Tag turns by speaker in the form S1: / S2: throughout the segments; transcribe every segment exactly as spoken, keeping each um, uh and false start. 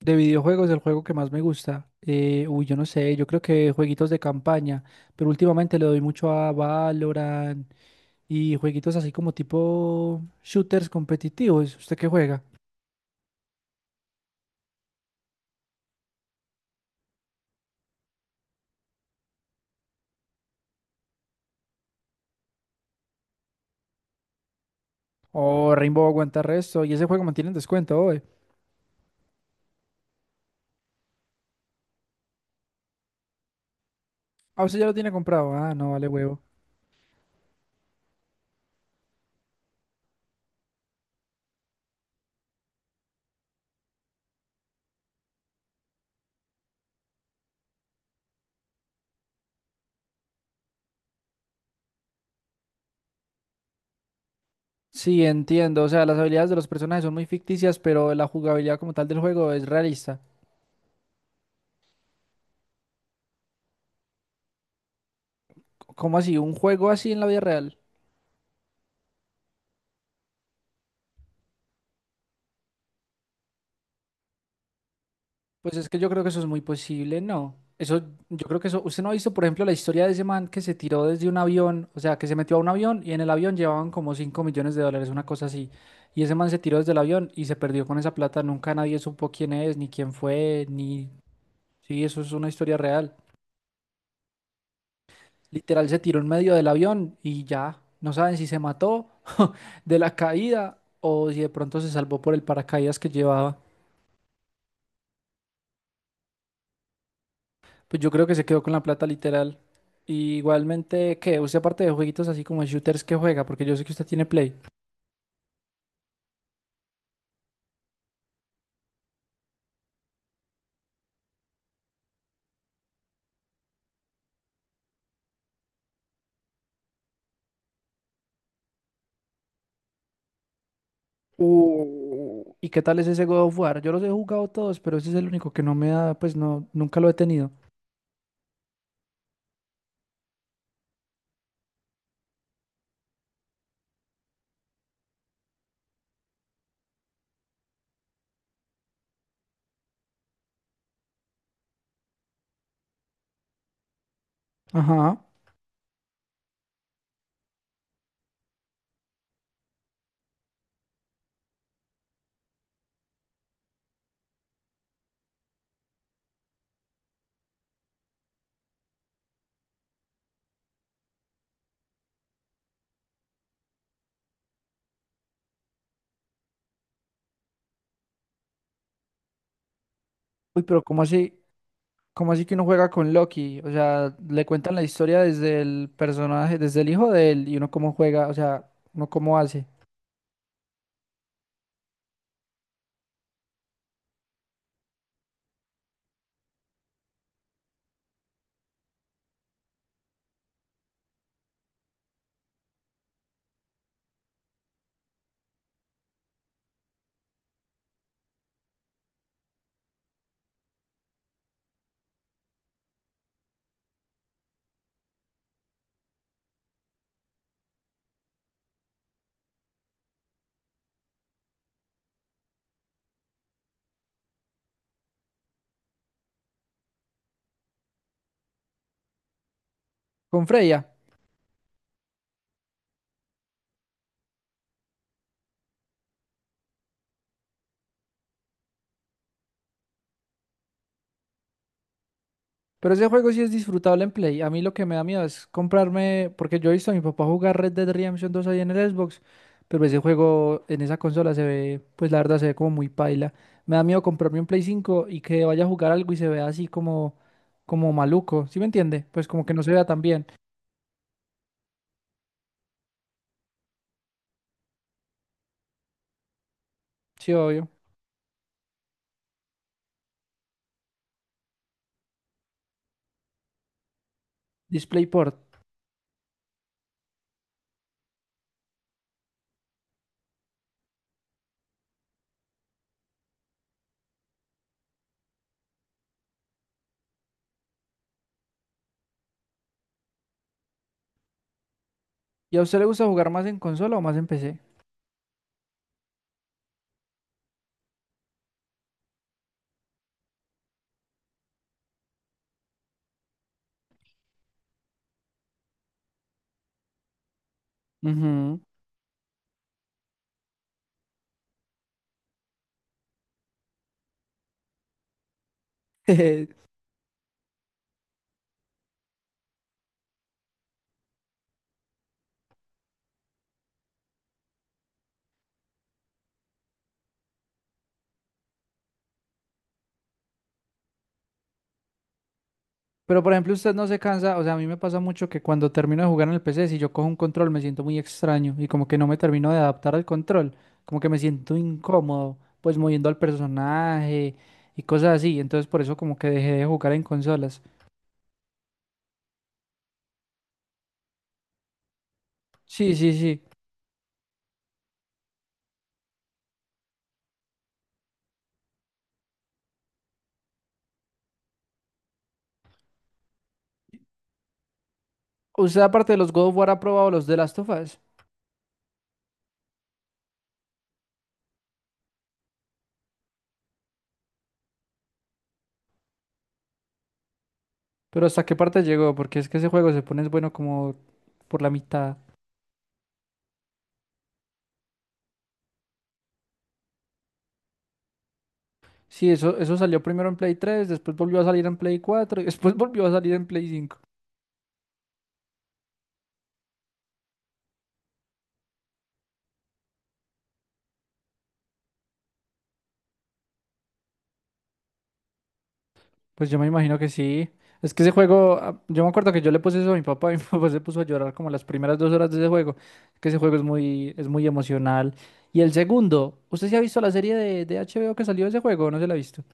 S1: De videojuegos, el juego que más me gusta. Eh, uy, yo no sé, yo creo que jueguitos de campaña, pero últimamente le doy mucho a Valorant y jueguitos así como tipo shooters competitivos. ¿Usted qué juega? Oh, Rainbow aguanta resto y ese juego mantiene en descuento hoy. Ah, usted ya lo tiene comprado. Ah, no, vale huevo. Sí, entiendo. O sea, las habilidades de los personajes son muy ficticias, pero la jugabilidad como tal del juego es realista. C- ¿Cómo así? ¿Un juego así en la vida real? Pues es que yo creo que eso es muy posible, ¿no? Eso, yo creo que eso, usted no ha visto, por ejemplo, la historia de ese man que se tiró desde un avión, o sea, que se metió a un avión y en el avión llevaban como cinco millones de dólares, una cosa así. Y ese man se tiró desde el avión y se perdió con esa plata, nunca nadie supo quién es, ni quién fue, ni... Sí, eso es una historia real. Literal, se tiró en medio del avión y ya, no saben si se mató de la caída o si de pronto se salvó por el paracaídas que llevaba. Pues yo creo que se quedó con la plata literal. Y igualmente, ¿qué? Usted aparte de jueguitos así como shooters que juega, porque yo sé que usted tiene Play. Uh, ¿y qué tal es ese God of War? Yo los he jugado todos, pero ese es el único que no me da, pues no, nunca lo he tenido. Ajá. Uy, pero ¿cómo así? ¿Cómo así que uno juega con Loki? O sea, le cuentan la historia desde el personaje, desde el hijo de él, y uno cómo juega, o sea, uno cómo hace. Con Freya. Pero ese juego sí es disfrutable en Play. A mí lo que me da miedo es comprarme, porque yo he visto a mi papá jugar Red Dead Redemption dos ahí en el Xbox, pero ese juego en esa consola se ve, pues la verdad se ve como muy paila. Me da miedo comprarme un Play cinco y que vaya a jugar algo y se vea así como, como maluco, ¿sí me entiende? Pues como que no se vea tan bien. Sí, obvio. DisplayPort. ¿Y a usted le gusta jugar más en consola o más en P C? Ujú. Pero por ejemplo, usted no se cansa, o sea, a mí me pasa mucho que cuando termino de jugar en el P C, si yo cojo un control me siento muy extraño y como que no me termino de adaptar al control, como que me siento incómodo, pues moviendo al personaje y cosas así, entonces por eso como que dejé de jugar en consolas. Sí, sí, sí. Usted aparte de los God of War ha probado los de Last of Us, pero ¿hasta qué parte llegó? Porque es que ese juego se pone bueno como por la mitad. Sí, eso, eso salió primero en Play tres, después volvió a salir en Play cuatro y después volvió a salir en Play cinco. Pues yo me imagino que sí. Es que ese juego, ah, yo me acuerdo que yo le puse eso a mi papá y mi papá se puso a llorar como las primeras dos horas de ese juego. Es que ese juego es muy, Es muy emocional. Y el segundo, ¿usted se ha visto la serie de, de H B O. que salió de ese juego? ¿O no se la ha visto?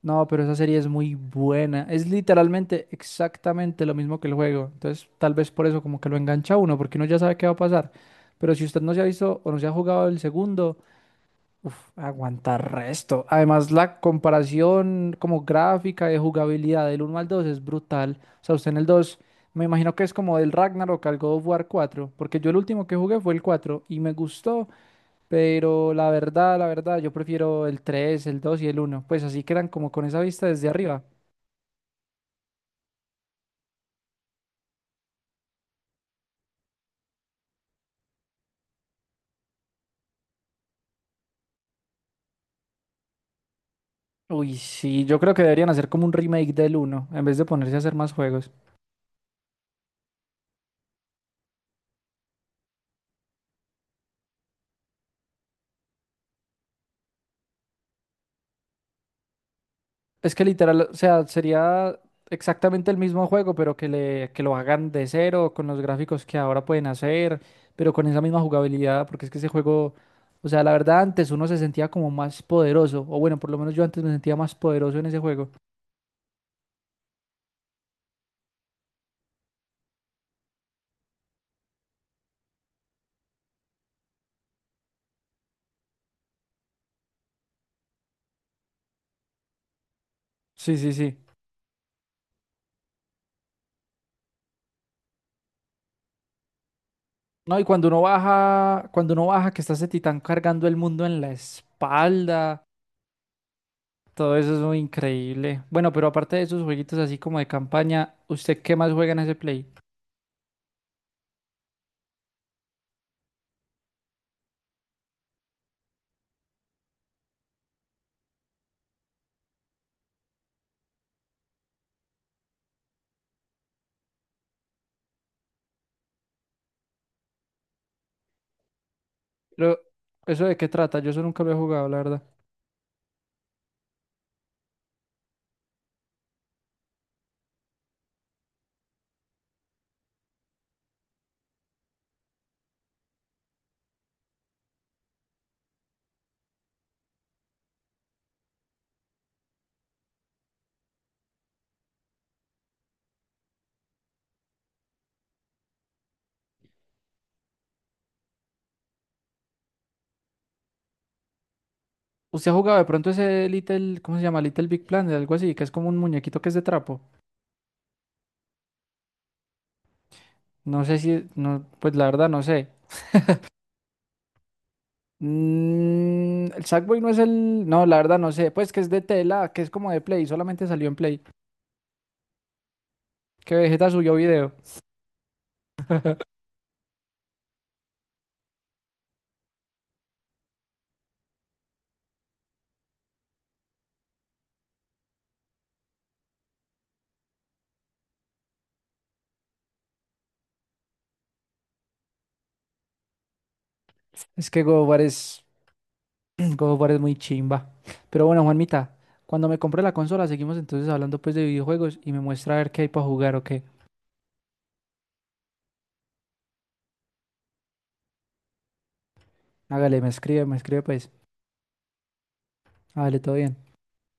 S1: No, pero esa serie es muy buena. Es literalmente exactamente lo mismo que el juego. Entonces, tal vez por eso como que lo engancha a uno, porque uno ya sabe qué va a pasar. Pero si usted no se ha visto o no se ha jugado el segundo, uf, aguantar resto. Además, la comparación como gráfica de jugabilidad del uno al dos es brutal. O sea, usted en el dos, me imagino que es como del Ragnarok al God of War cuatro, porque yo el último que jugué fue el cuatro y me gustó, pero la verdad, la verdad, yo prefiero el tres, el dos y el uno. Pues así quedan como con esa vista desde arriba. Uy, sí, yo creo que deberían hacer como un remake del uno en vez de ponerse a hacer más juegos. Es que literal, o sea, sería exactamente el mismo juego, pero que le, que lo hagan de cero, con los gráficos que ahora pueden hacer, pero con esa misma jugabilidad, porque es que ese juego, o sea, la verdad, antes uno se sentía como más poderoso, o bueno, por lo menos yo antes me sentía más poderoso en ese juego. Sí, sí, sí. No, y cuando uno baja, cuando uno baja, que está ese titán cargando el mundo en la espalda, todo eso es muy increíble. Bueno, pero aparte de esos jueguitos así como de campaña, ¿usted qué más juega en ese play? Pero, ¿eso de qué trata? Yo eso nunca lo he jugado, la verdad. ¿Usted ha jugado de pronto ese Little, ¿cómo se llama? Little Big Planet, algo así, que es como un muñequito que es de trapo. No sé si, no, pues la verdad no sé. Mm, el Sackboy no es el, no, la verdad no sé. Pues que es de tela, que es como de Play, solamente salió en Play. Que Vegeta subió video. Es que God of War es, God of War es muy chimba. Pero bueno, Juanmita, cuando me compre la consola, seguimos entonces hablando pues de videojuegos y me muestra a ver qué hay para jugar o qué. Hágale, me escribe, me escribe pues. Hágale, todo bien.